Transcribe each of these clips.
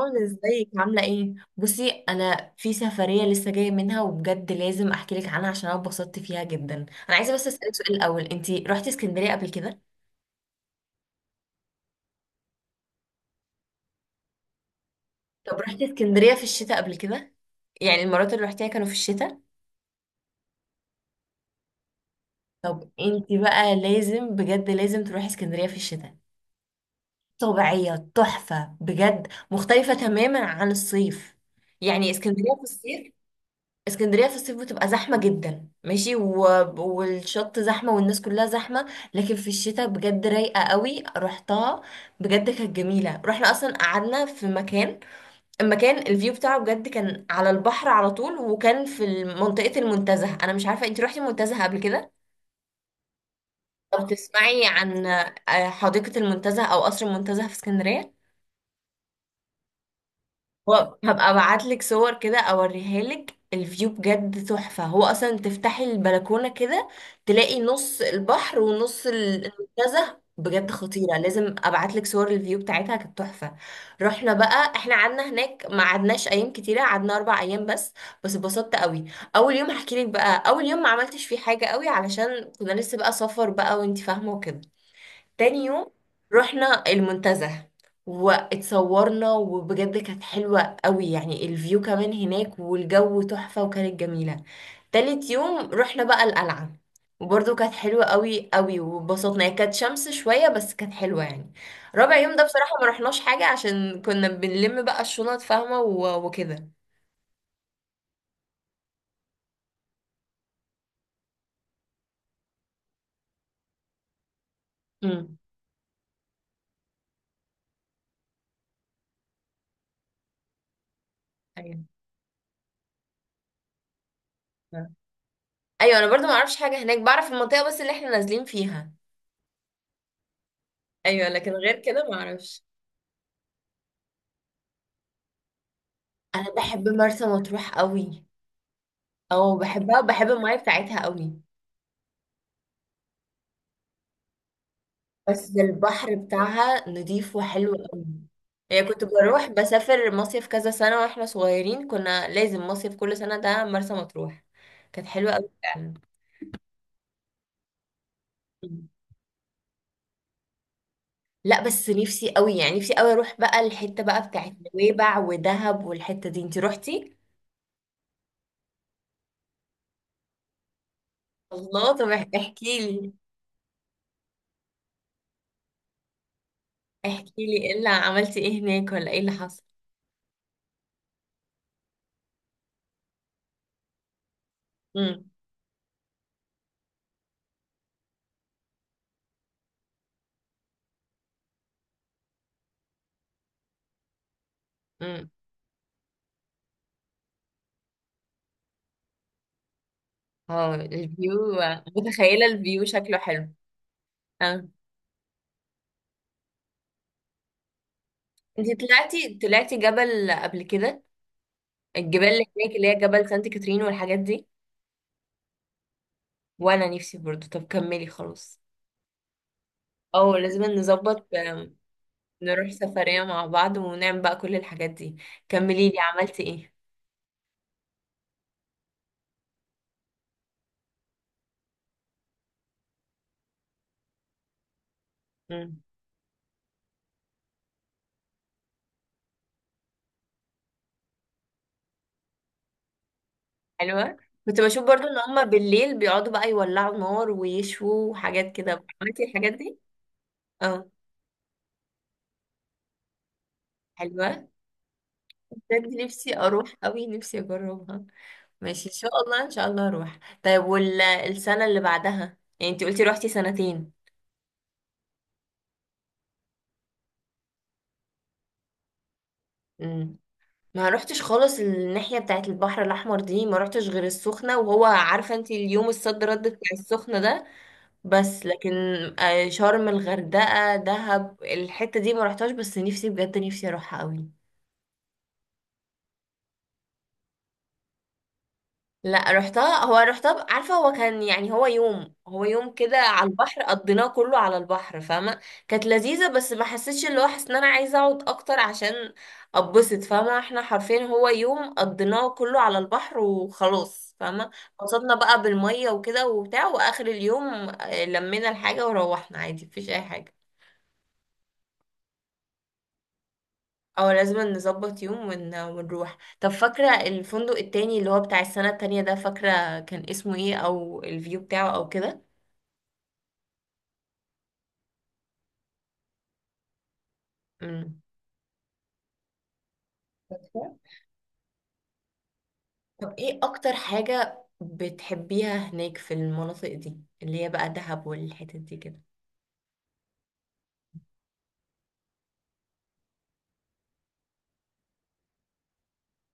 رنا، ازيك عاملة ايه؟ بصي، انا في سفرية لسه جاية منها، وبجد لازم احكي لك عنها عشان انا اتبسطت فيها جدا. انا عايزة بس اسألك سؤال الاول، انتي رحتي اسكندرية قبل كده؟ طب رحتي اسكندرية في الشتاء قبل كده؟ يعني المرات اللي رحتيها كانوا في الشتاء؟ طب انتي بقى لازم، بجد لازم تروحي اسكندرية في الشتاء. طبيعية، تحفة، بجد مختلفة تماما عن الصيف. يعني اسكندرية في الصيف. اسكندرية في الصيف بتبقى زحمة جدا، ماشي، والشط زحمة والناس كلها زحمة. لكن في الشتاء بجد رايقة قوي، رحتها، بجد كانت جميلة. رحنا أصلا قعدنا في مكان، المكان الفيو بتاعه بجد كان على البحر على طول، وكان في منطقة المنتزه. أنا مش عارفة انتي روحتي المنتزه قبل كده، أو تسمعي عن حديقة المنتزه أو قصر المنتزه في اسكندرية. هو هبقى ابعت لك صور كده اوريها لك، الفيو بجد تحفة. هو اصلا تفتحي البلكونة كده تلاقي نص البحر ونص المنتزه، بجد خطيرة. لازم ابعت لك صور الفيو بتاعتها، كانت تحفة. رحنا بقى، احنا قعدنا هناك ما قعدناش ايام كتيرة، قعدنا 4 ايام بس. بس اتبسطت قوي. اول يوم هحكي لك بقى، اول يوم ما عملتش فيه حاجة قوي علشان كنا لسه بقى سفر بقى، وانت فاهمة وكده. تاني يوم رحنا المنتزه، واتصورنا وبجد كانت حلوة قوي، يعني الفيو كمان هناك والجو تحفة وكانت جميلة. تالت يوم رحنا بقى القلعة، وبرضه كانت حلوة قوي قوي، وبسطنا. هي كانت شمس شوية بس كانت حلوة يعني. رابع يوم ده بصراحة ما رحناش حاجة عشان كنا بنلم بقى الشنط، فاهمة، وكده. امم. ايوه. ايوه، انا برضه ما اعرفش حاجة هناك، بعرف المنطقة بس اللي احنا نازلين فيها. ايوه، لكن غير كده ما اعرفش. انا بحب مرسى مطروح قوي. او، بحبها وبحب المايه بتاعتها قوي. بس البحر بتاعها نضيف وحلو قوي. يعني كنت بروح بسافر مصيف كذا سنة واحنا صغيرين، كنا لازم مصيف كل سنة، ده مرسى مطروح. كانت حلوة قوي فعلا. مم. لا، بس نفسي قوي، يعني نفسي قوي اروح بقى الحتة بقى بتاعت نويبع ودهب، والحتة دي انتي روحتي؟ الله، طب احكي لي، احكي لي ايه اللي عملتي، ايه هناك، ولا ايه اللي حصل. امم. اه، الفيو. متخيلة الفيو شكله حلو. اه، انت طلعتي طلعتي جبل قبل كده، الجبال اللي هناك اللي هي جبل سانت كاترين والحاجات دي؟ وانا نفسي برضو. طب كملي خلاص. اه لازم نظبط نروح سفرية مع بعض ونعمل بقى كل الحاجات دي. كملي لي عملتي ايه. مم. حلوة. كنت بشوف برضو ان هما بالليل بيقعدوا بقى يولعوا نار ويشووا وحاجات كده، عملتي الحاجات دي؟ اه. حلوة. بجد نفسي اروح قوي، نفسي اجربها. ماشي، ان شاء الله ان شاء الله اروح. طيب والسنه اللي بعدها، يعني انت قلتي روحتي سنتين. امم. ما روحتش خالص الناحيه بتاعت البحر الاحمر دي، ما روحتش غير السخنه، وهو عارفه انت اليوم الصد رد بتاع السخنه ده. بس لكن شرم، الغردقه، دهب، الحته دي ما روحتهاش، بس نفسي بجد نفسي اروحها قوي. لا، رحتها. هو رحتها عارفة، هو كان يعني، هو يوم كده على البحر قضيناه كله على البحر، فاهمة. كانت لذيذة، بس ما حسيتش اللي هو حاسة ان انا عايزة اقعد اكتر عشان اتبسط، فاهمة؟ احنا حرفيا هو يوم قضيناه كله على البحر وخلاص، فاهمة. انبسطنا بقى بالمية وكده وبتاع، واخر اليوم لمينا الحاجة وروحنا عادي، مفيش اي حاجة. او لازم نظبط يوم ونروح. طب فاكرة الفندق التاني اللي هو بتاع السنة التانية ده، فاكرة كان اسمه ايه او الفيو بتاعه او كده؟ مم. فاكرة؟ طب ايه اكتر حاجة بتحبيها هناك في المناطق دي، اللي هي بقى دهب والحتت دي كده؟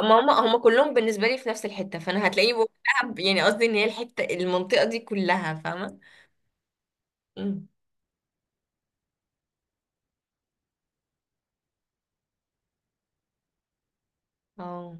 ما هم كلهم بالنسبة لي في نفس الحتة، فانا هتلاقيني بقول دهب، يعني قصدي ان هي الحتة، المنطقة دي كلها، فاهمة. مم. اه.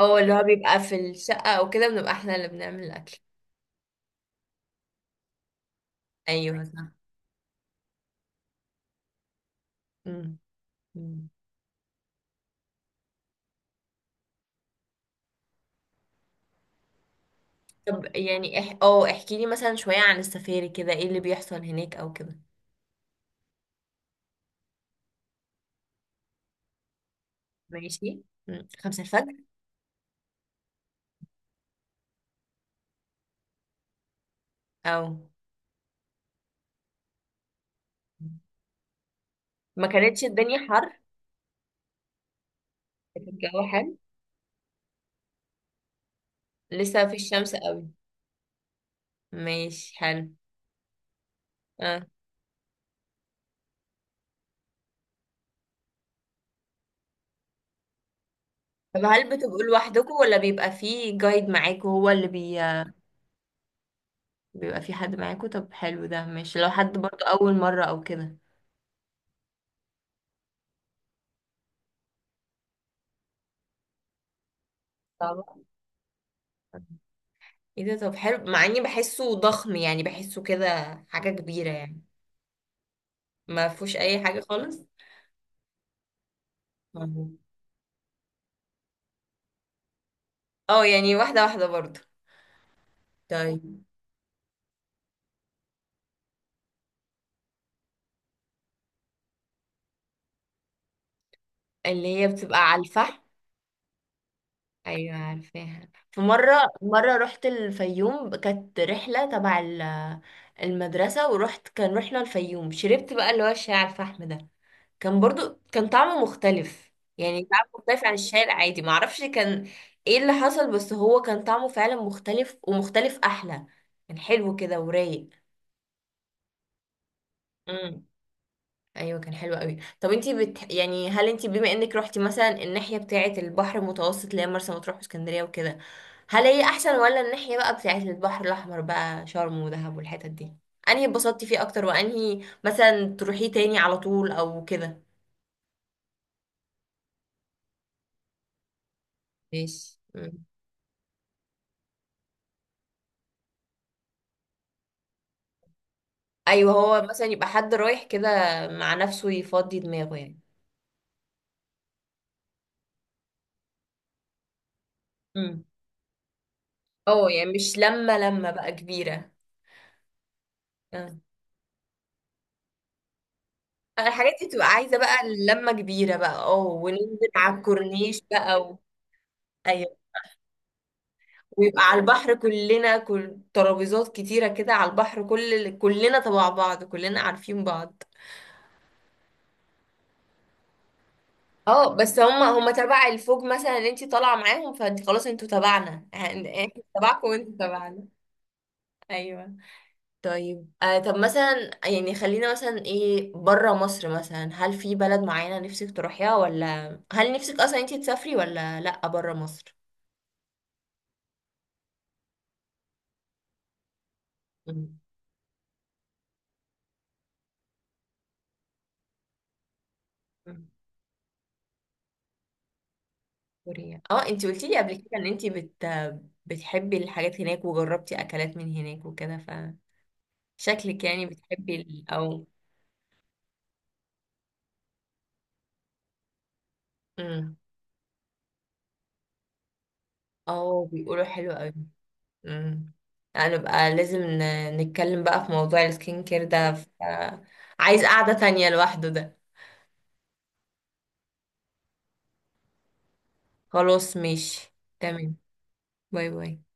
اه، اللي هو بيبقى في الشقة او كده بنبقى احنا اللي بنعمل الاكل. ايوه صح. مم. مم. طب يعني اح... اه احكي لي مثلا شوية عن السفاري كده، ايه اللي بيحصل هناك او كده؟ ماشي. مم. 5 الفجر. او، ما كانتش الدنيا حر؟ الجو حلو. لسه في الشمس قوي. ماشي، حلو. اه، طب هل بتبقوا لوحدكم ولا بيبقى فيه جايد معاكوا هو اللي بيبقى فيه حد معاكوا. طب حلو ده، ماشي لو حد برضه أول مرة أو كده. طبعا. ايه ده، طب حلو، مع اني بحسه ضخم، يعني بحسه كده، حاجة كبيرة يعني. ما فيهوش اي حاجة خالص. مم. اه يعني واحدة واحدة برضه. طيب. اللي هي بتبقى على الفحم. ايوه عارفاها، في مره رحت الفيوم، كانت رحله تبع المدرسه، كان رحنا الفيوم، شربت بقى اللي هو الشاي على الفحم ده. كان برضو كان طعمه مختلف، يعني طعمه مختلف عن الشاي العادي، معرفش كان ايه اللي حصل، بس هو كان طعمه فعلا مختلف، ومختلف احلى، كان حلو كده ورايق. ايوه كان حلو قوي. طب انتي يعني هل انتي، بما انك روحتي مثلا الناحيه بتاعه البحر المتوسط اللي هي مرسى مطروح واسكندريه وكده، هل هي احسن ولا الناحيه بقى بتاعه البحر الاحمر بقى شرم ودهب والحتت دي، انهي اتبسطتي فيه اكتر وانهي مثلا تروحيه تاني على طول او كده؟ ماشي. مم. ايوه هو مثلا يبقى حد رايح كده مع نفسه يفضي دماغه يعني. امم. اه يعني مش لما بقى كبيره الحاجات دي بتبقى عايزة بقى لمة كبيرة بقى، اه، وننزل على الكورنيش بقى ايوه، ويبقى على البحر كلنا، كل ترابيزات كتيرة كده على البحر، كلنا تبع بعض، كلنا عارفين بعض. اه بس هما تبع الفوج مثلا اللي انتي طالعة معاهم، فانت خلاص انتوا تبعنا يعني، احنا تبعكم وانتوا تبعنا. ايوه. طيب طب مثلا، يعني خلينا مثلا، ايه بره مصر مثلا، هل في بلد معينة نفسك تروحيها، ولا هل نفسك اصلا انتي تسافري ولا لا بره مصر؟ كوريا، اه، انتي قلتي لي قبل كده ان انتي بتحبي الحاجات هناك، وجربتي اكلات من هناك وكده، فشكلك يعني بتحبي او. امم. اه، بيقولوا حلو قوي. امم. انا بقى لازم نتكلم بقى في موضوع السكين كير ده عايز قعدة تانية لوحده ده. خلاص ماشي. تمام. باي باي.